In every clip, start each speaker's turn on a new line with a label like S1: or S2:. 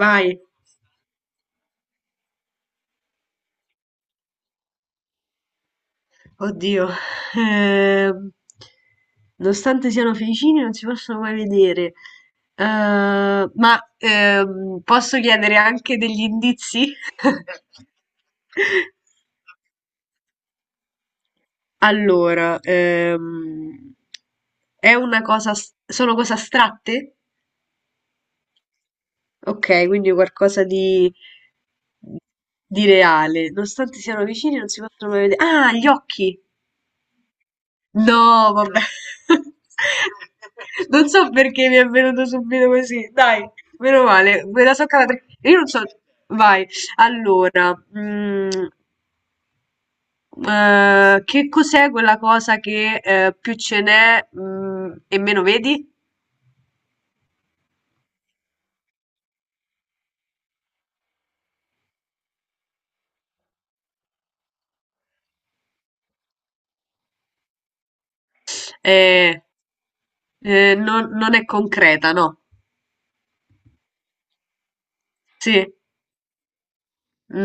S1: Vai. Oddio. Ehm, Nonostante siano vicini, non si possono mai vedere. Eh, ma posso chiedere anche degli indizi? Allora, è una cosa, sono cose astratte? Ok, quindi qualcosa di reale. Nonostante siano vicini, non si possono mai vedere. Ah, gli occhi! No, vabbè. Non so perché mi è venuto subito così. Dai, meno male, me la so cavata. Io non so. Vai. Allora, che cos'è quella cosa che più ce n'è e meno vedi? Eh, non è concreta, no? Sì.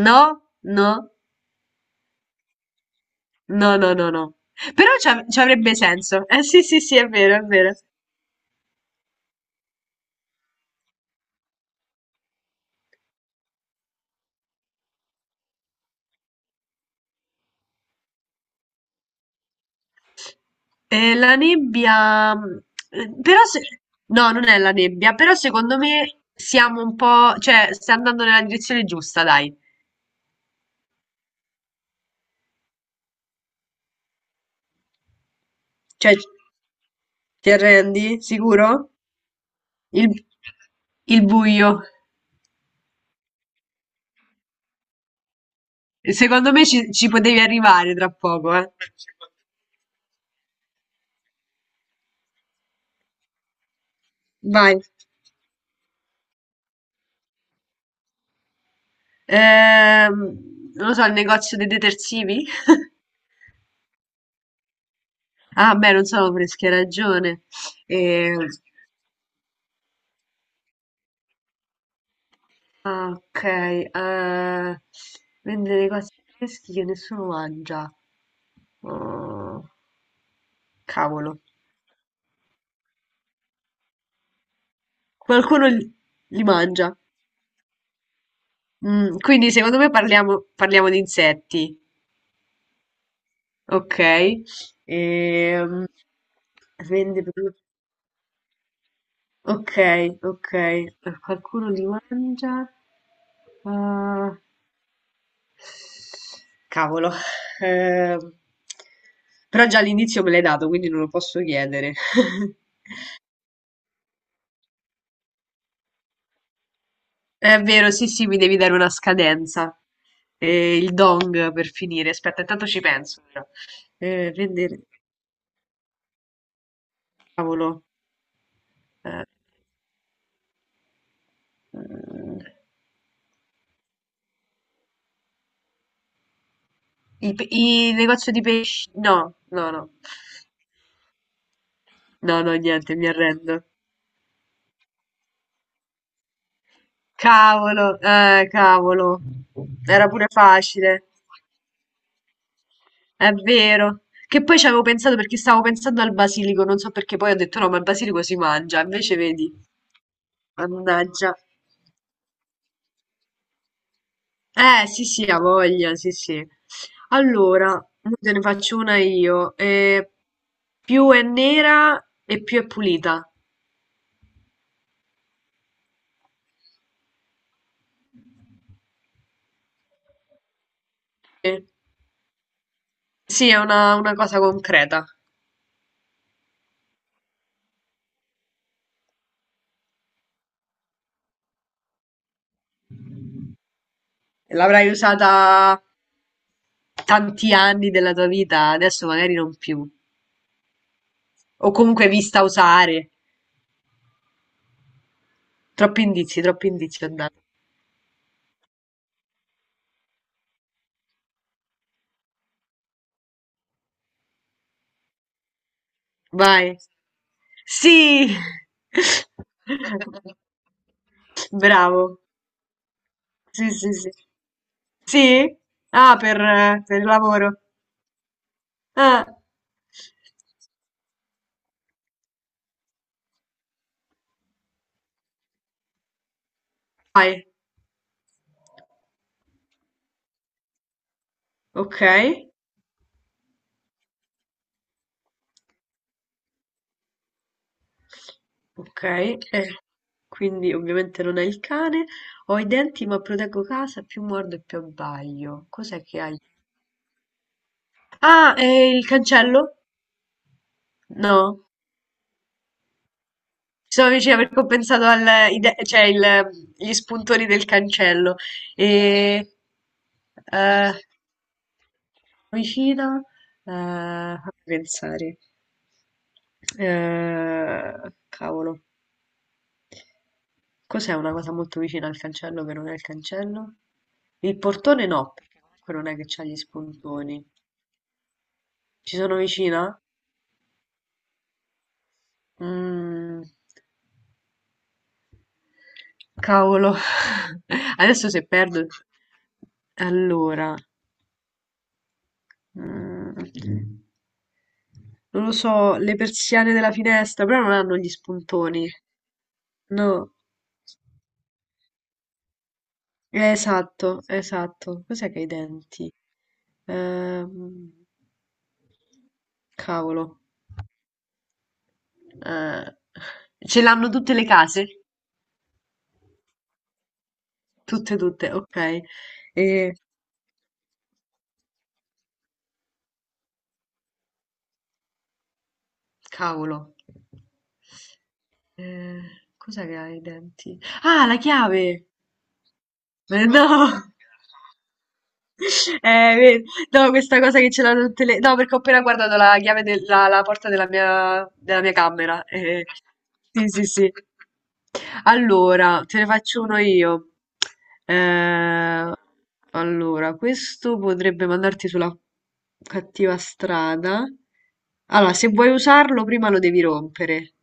S1: No, no, no, no, no, no. Però ci avrebbe senso. Eh sì, sì, sì, è vero, è vero. La nebbia, mhmm, però se no, non è la nebbia, però secondo me siamo un po' cioè, sta andando nella direzione giusta, dai. Cioè c ti arrendi? Sicuro? Il il buio. Secondo me ci potevi arrivare tra poco, eh. Vai. Non lo so, il negozio dei detersivi? Ah, beh, non so freschi, hai ragione. Ehm, ah, ok. Eh, vendere cose fresche che nessuno mangia. Oh, cavolo. Qualcuno li, li mangia. Mm, quindi secondo me parliamo di insetti. Ok. Ehm, vende ok, ok. Qualcuno li mangia. Ah, cavolo. Ehm, però già all'inizio me l'hai dato, quindi non lo posso chiedere. È vero, sì, sì, mi devi dare una scadenza. Il dong per finire. Aspetta, intanto ci penso però. Vendere, cavolo. Eh, mm, il, il negozio di pesci. No, no, no. No, no, niente, mi arrendo. Cavolo, cavolo. Era pure facile. È vero. Che poi ci avevo pensato perché stavo pensando al basilico, non so perché poi ho detto no, ma il basilico si mangia, invece vedi, mannaggia. Sì, sì, ha voglia, sì, sì. Allora, mo te ne faccio una io. Più è nera e più è pulita. Eh, sì, è una cosa concreta. L'avrai usata tanti anni della tua vita, adesso magari non più. O comunque vista usare. Troppi indizi ho dato. Vai. Sì! Bravo. Sì, sì, sì. Sì? Ah, per il lavoro. Ah, vai. Ok, ok. Eh, quindi ovviamente non è il cane. Ho i denti ma proteggo casa, più mordo e più abbaglio. Cos'è che hai? Ah, il cancello? No. Ci sono vicina perché ho pensato al, cioè gli spuntoni del cancello. E, eh, vicina, fammi pensare. Cavolo, cos'è una cosa molto vicina al cancello che non è il cancello? Il portone no, perché comunque non è che c'ha gli spuntoni. Ci sono vicina? Mm, cavolo. Adesso se perdo... Allora... mm, non lo so, le persiane della finestra, però non hanno gli spuntoni. No. Esatto, esatto. Cos'è che ha i denti? Ehm, cavolo. Eh, ce l'hanno tutte le case? Tutte, tutte, ok. E, cavolo. Eh, cos'è che ha i denti? Ah, la chiave! No, vedi, no, questa cosa che ce l'hanno tutte le... No, perché ho appena guardato la chiave della la porta della mia camera. Eh. Sì, sì, sì. Allora, te ne faccio uno io. Eh, allora, questo potrebbe mandarti sulla cattiva strada. Allora, se vuoi usarlo, prima lo devi rompere.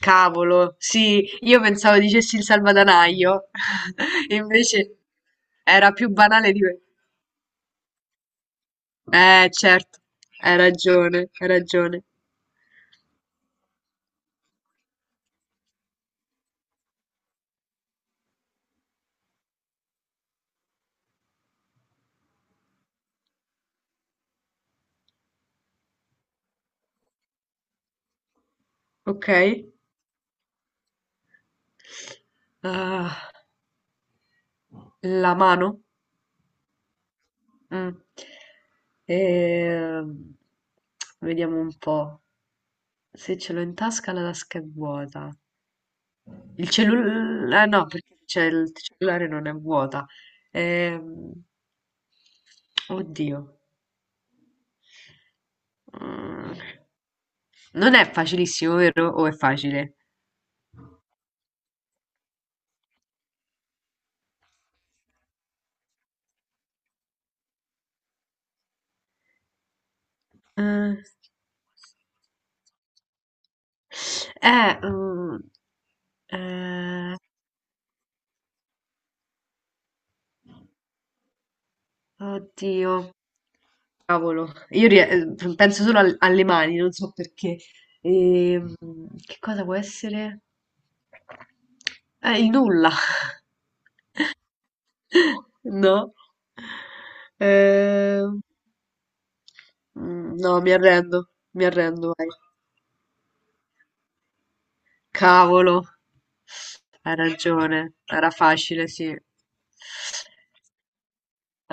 S1: Cavolo, sì, io pensavo dicessi il salvadanaio, invece era più banale di me. Certo, hai ragione, hai ragione. Ok. Ah, la mano? Mm. Ehm, vediamo un po'. Se ce l'ho in tasca la tasca è vuota. Il cellulare... no, perché c'è il cellulare non è vuota. Ehm, oddio. Mm, non è facilissimo, vero? O è facile? Eh, eh, mm, eh, oddio, cavolo. Io penso solo alle mani, non so perché. Ehm, che cosa può essere? Il nulla. No. Ehm, no, mi arrendo, vai. Cavolo, hai ragione, era facile, sì.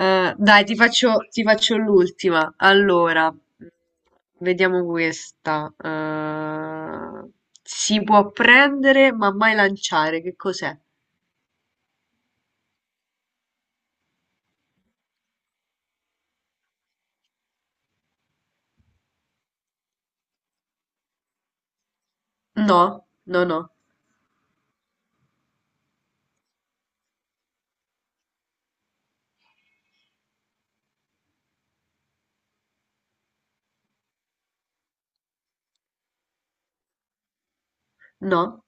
S1: Dai, ti faccio l'ultima. Allora, vediamo questa. Si può prendere ma mai lanciare, che cos'è? No, no, no, no.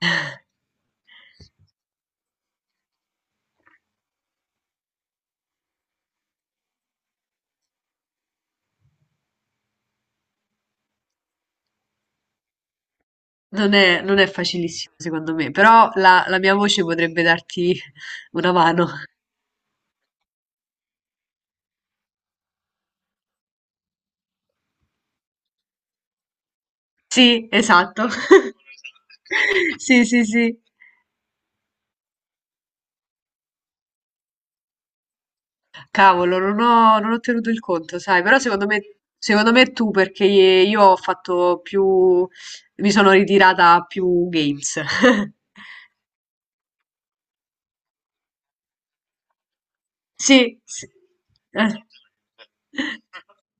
S1: Non è, non è facilissimo secondo me, però la, la mia voce potrebbe darti una mano. Sì, esatto. Sì, sì, sì. Cavolo, non ho tenuto il conto, sai, però secondo me tu, perché io ho fatto più, mi sono ritirata a più games. Sì, sì. Eh.